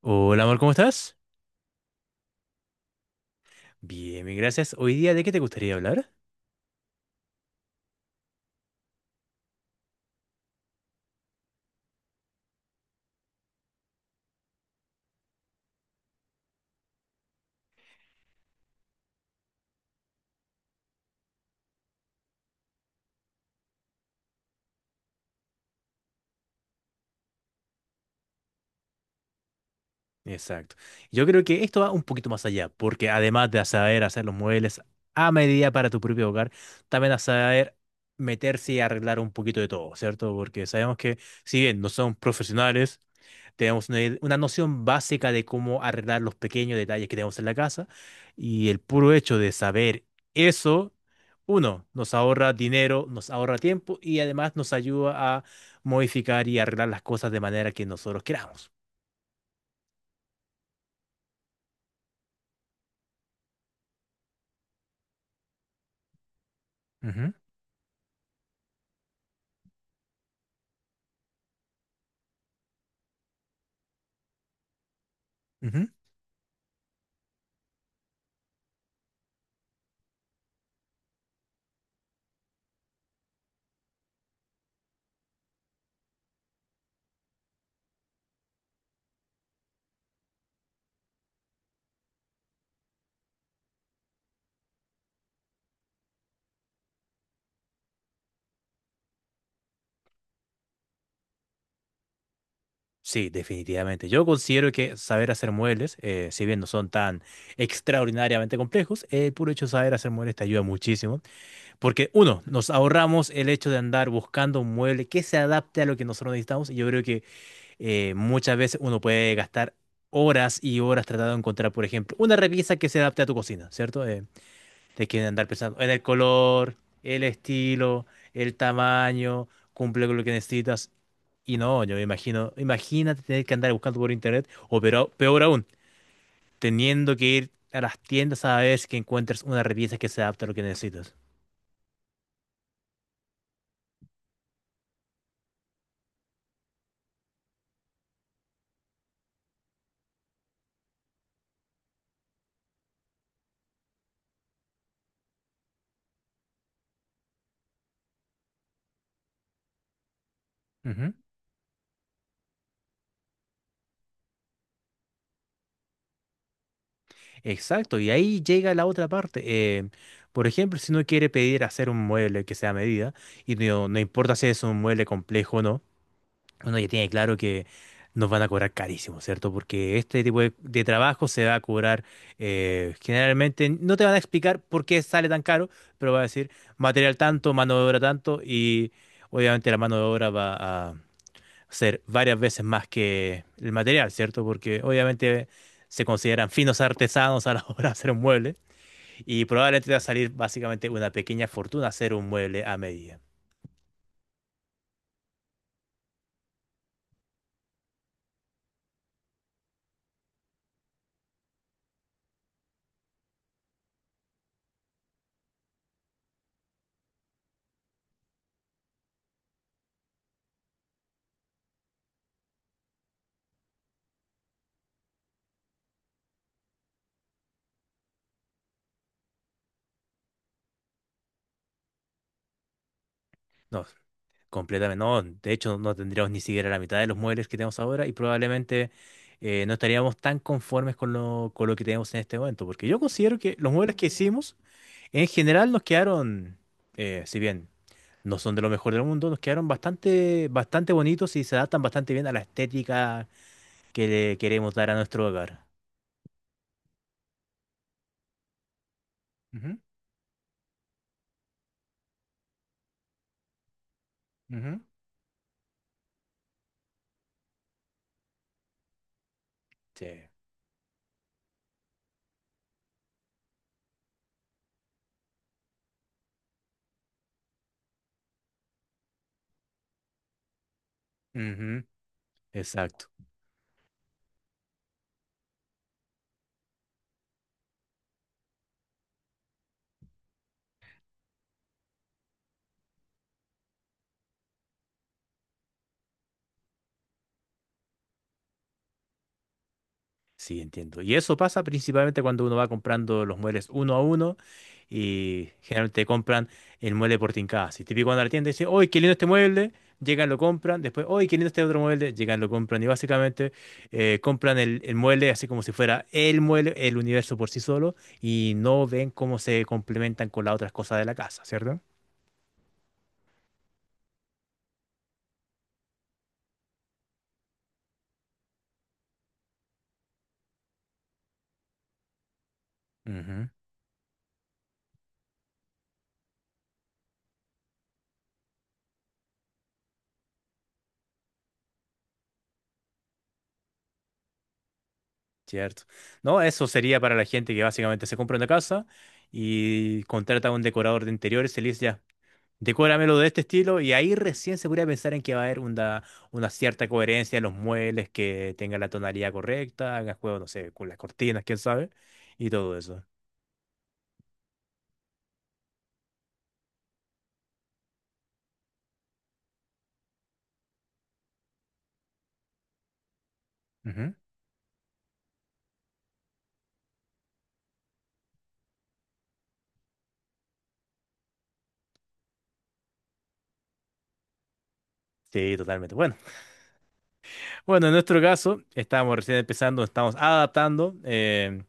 Hola, amor, ¿cómo estás? Bien, bien, gracias. Hoy día, ¿de qué te gustaría hablar? Exacto. Yo creo que esto va un poquito más allá, porque además de saber hacer los muebles a medida para tu propio hogar, también a saber meterse y arreglar un poquito de todo, ¿cierto? Porque sabemos que, si bien no somos profesionales, tenemos una, una noción básica de cómo arreglar los pequeños detalles que tenemos en la casa y el puro hecho de saber eso, uno, nos ahorra dinero, nos ahorra tiempo y además nos ayuda a modificar y arreglar las cosas de manera que nosotros queramos. Ujú, ujú. Sí, definitivamente. Yo considero que saber hacer muebles, si bien no son tan extraordinariamente complejos, el puro hecho de saber hacer muebles te ayuda muchísimo. Porque uno, nos ahorramos el hecho de andar buscando un mueble que se adapte a lo que nosotros necesitamos. Y yo creo que muchas veces uno puede gastar horas y horas tratando de encontrar, por ejemplo, una repisa que se adapte a tu cocina, ¿cierto? Te quieren andar pensando en el color, el estilo, el tamaño, cumple con lo que necesitas. Y no, yo me imagino, imagínate tener que andar buscando por internet, o peor aún, teniendo que ir a las tiendas a ver si que encuentres una repisa que se adapte a lo que necesitas. Ujú. Exacto, y ahí llega la otra parte. Por ejemplo, si uno quiere pedir hacer un mueble que sea a medida, y no, no importa si es un mueble complejo o no, uno ya tiene claro que nos van a cobrar carísimo, ¿cierto? Porque este tipo de trabajo se va a cobrar generalmente, no te van a explicar por qué sale tan caro, pero va a decir material tanto, mano de obra tanto, y obviamente la mano de obra va a hacer varias veces más que el material, ¿cierto? Porque obviamente se consideran finos artesanos a la hora de hacer un mueble y probablemente te va a salir básicamente una pequeña fortuna hacer un mueble a medida. No, completamente no. De hecho, no tendríamos ni siquiera la mitad de los muebles que tenemos ahora y probablemente no estaríamos tan conformes con lo que tenemos en este momento, porque yo considero que los muebles que hicimos en general nos quedaron, si bien no son de lo mejor del mundo, nos quedaron bastante, bastante bonitos y se adaptan bastante bien a la estética que le queremos dar a nuestro hogar. Ujú, ujú. Sí. Ujú. Exacto. Sí, entiendo. Y eso pasa principalmente cuando uno va comprando los muebles uno a uno y generalmente compran el mueble por tincada. Si típico cuando la tienda dice, ¡oy qué lindo este mueble! Llegan, lo compran. Después, ¡oy qué lindo este otro mueble! Llegan, lo compran. Y básicamente compran el mueble así como si fuera el mueble, el universo por sí solo, y no ven cómo se complementan con las otras cosas de la casa, ¿cierto? Ujú, cierto. No, eso sería para la gente que básicamente se compra una casa y contrata a un decorador de interiores y le dice ya. Decóramelo de este estilo y ahí recién se podría pensar en que va a haber una cierta coherencia en los muebles, que tenga la tonalidad correcta, haga juego, no sé, con las cortinas, quién sabe, y todo eso. Ujú. Sí, totalmente. Bueno, bueno, en nuestro caso, estábamos recién empezando, estamos adaptando.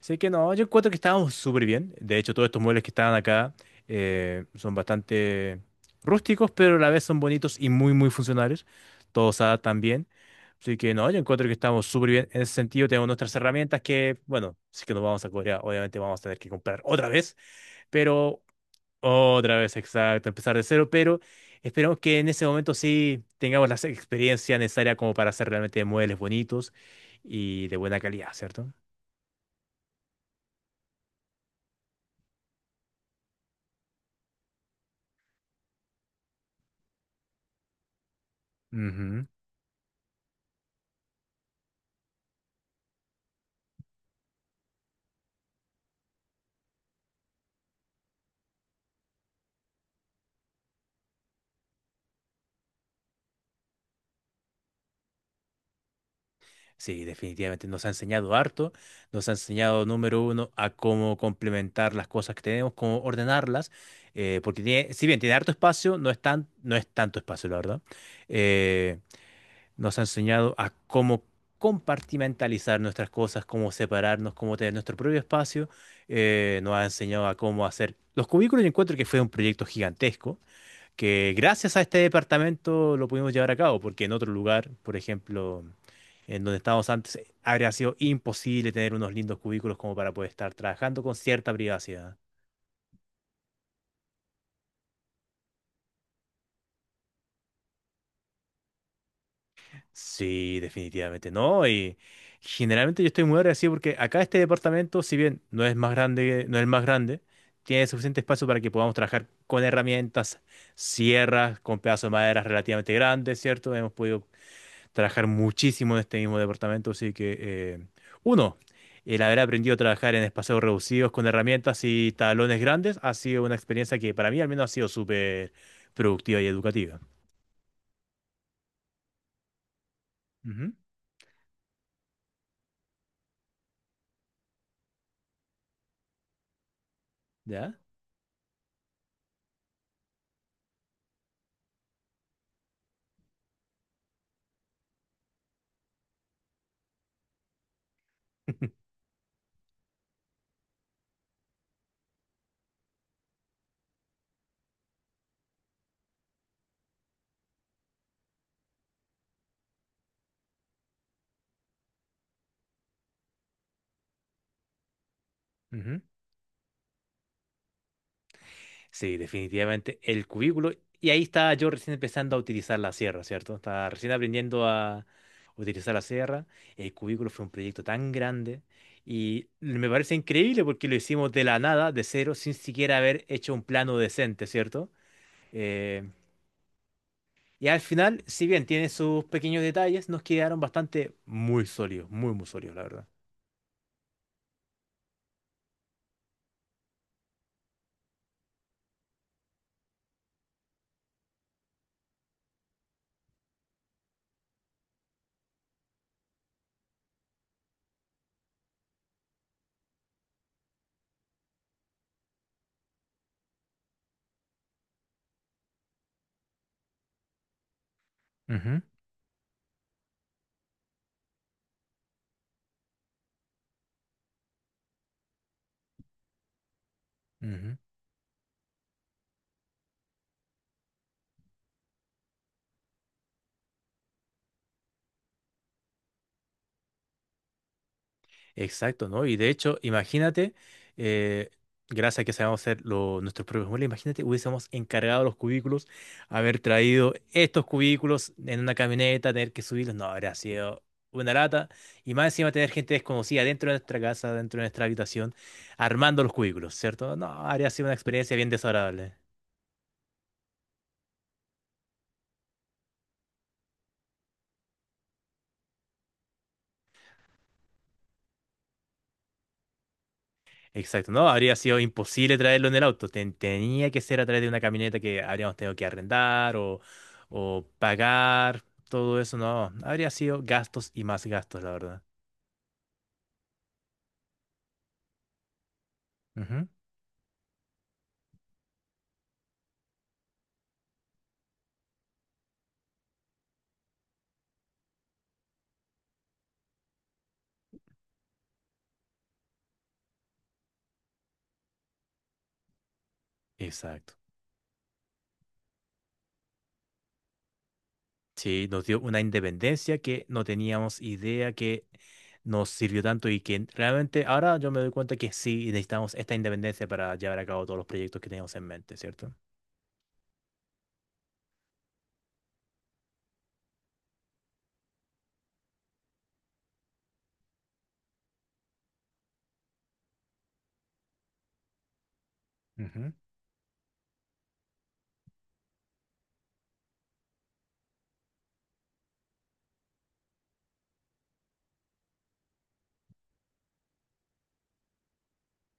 Sé que no, yo encuentro que estábamos súper bien. De hecho, todos estos muebles que estaban acá son bastante rústicos, pero a la vez son bonitos y muy, muy funcionales. Todos se adaptan bien. Así que no, yo encuentro que estamos súper bien. En ese sentido, tenemos nuestras herramientas que, bueno, sí que nos vamos a Corea. Obviamente vamos a tener que comprar otra vez, pero otra vez, exacto, empezar de cero. Pero esperamos que en ese momento sí tengamos la experiencia necesaria como para hacer realmente muebles bonitos y de buena calidad, ¿cierto? Ujú. Sí, definitivamente nos ha enseñado harto, nos ha enseñado número uno a cómo complementar las cosas que tenemos, cómo ordenarlas, porque tiene, si bien tiene harto espacio, no es tan, no es tanto espacio, la verdad. Eh, nos ha enseñado a cómo compartimentalizar nuestras cosas, cómo separarnos, cómo tener nuestro propio espacio. Nos ha enseñado a cómo hacer los cubículos. Yo encuentro que fue un proyecto gigantesco que gracias a este departamento lo pudimos llevar a cabo, porque en otro lugar, por ejemplo, en donde estábamos antes, habría sido imposible tener unos lindos cubículos como para poder estar trabajando con cierta privacidad. Sí, definitivamente no. Y generalmente yo estoy muy agradecido porque acá este departamento, si bien no es más grande, no es el más grande, tiene suficiente espacio para que podamos trabajar con herramientas, sierras, con pedazos de madera relativamente grandes, ¿cierto? Hemos podido trabajar muchísimo en este mismo departamento, así que, uno, el haber aprendido a trabajar en espacios reducidos con herramientas y talones grandes ha sido una experiencia que para mí al menos ha sido súper productiva y educativa. Ujú. ¿Ya? Ujú. Sí, definitivamente el cubículo. Y ahí estaba yo recién empezando a utilizar la sierra, ¿cierto? Estaba recién aprendiendo a utilizar la sierra. El cubículo fue un proyecto tan grande y me parece increíble porque lo hicimos de la nada, de cero, sin siquiera haber hecho un plano decente, ¿cierto? Eh, y al final, si bien tiene sus pequeños detalles, nos quedaron bastante muy sólidos, muy, muy sólidos, la verdad. Ujú, ujú. Exacto, ¿no? Y de hecho, imagínate, eh, gracias a que sabemos hacer nuestros propios muebles, imagínate, hubiésemos encargado los cubículos, haber traído estos cubículos en una camioneta, tener que subirlos, no, habría sido una lata. Y más encima tener gente desconocida dentro de nuestra casa, dentro de nuestra habitación, armando los cubículos, ¿cierto? No, habría sido una experiencia bien desagradable. Exacto, no, habría sido imposible traerlo en el auto. Tenía que ser a través de una camioneta que habríamos tenido que arrendar o pagar. Todo eso, no. Habría sido gastos y más gastos, la verdad. Ujú, exacto. Sí, nos dio una independencia que no teníamos idea que nos sirvió tanto y que realmente ahora yo me doy cuenta que sí necesitamos esta independencia para llevar a cabo todos los proyectos que teníamos en mente, cierto. Ujú.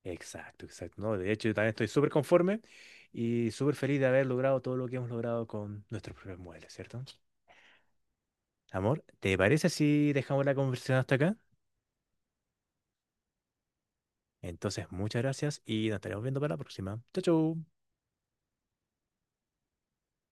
Exacto, exacto. No, de hecho, yo también estoy súper conforme y súper feliz de haber logrado todo lo que hemos logrado con nuestros propios muebles, ¿cierto? Amor, ¿te parece si dejamos la conversación hasta acá? Entonces, muchas gracias y nos estaremos viendo para la próxima. Chau, chau.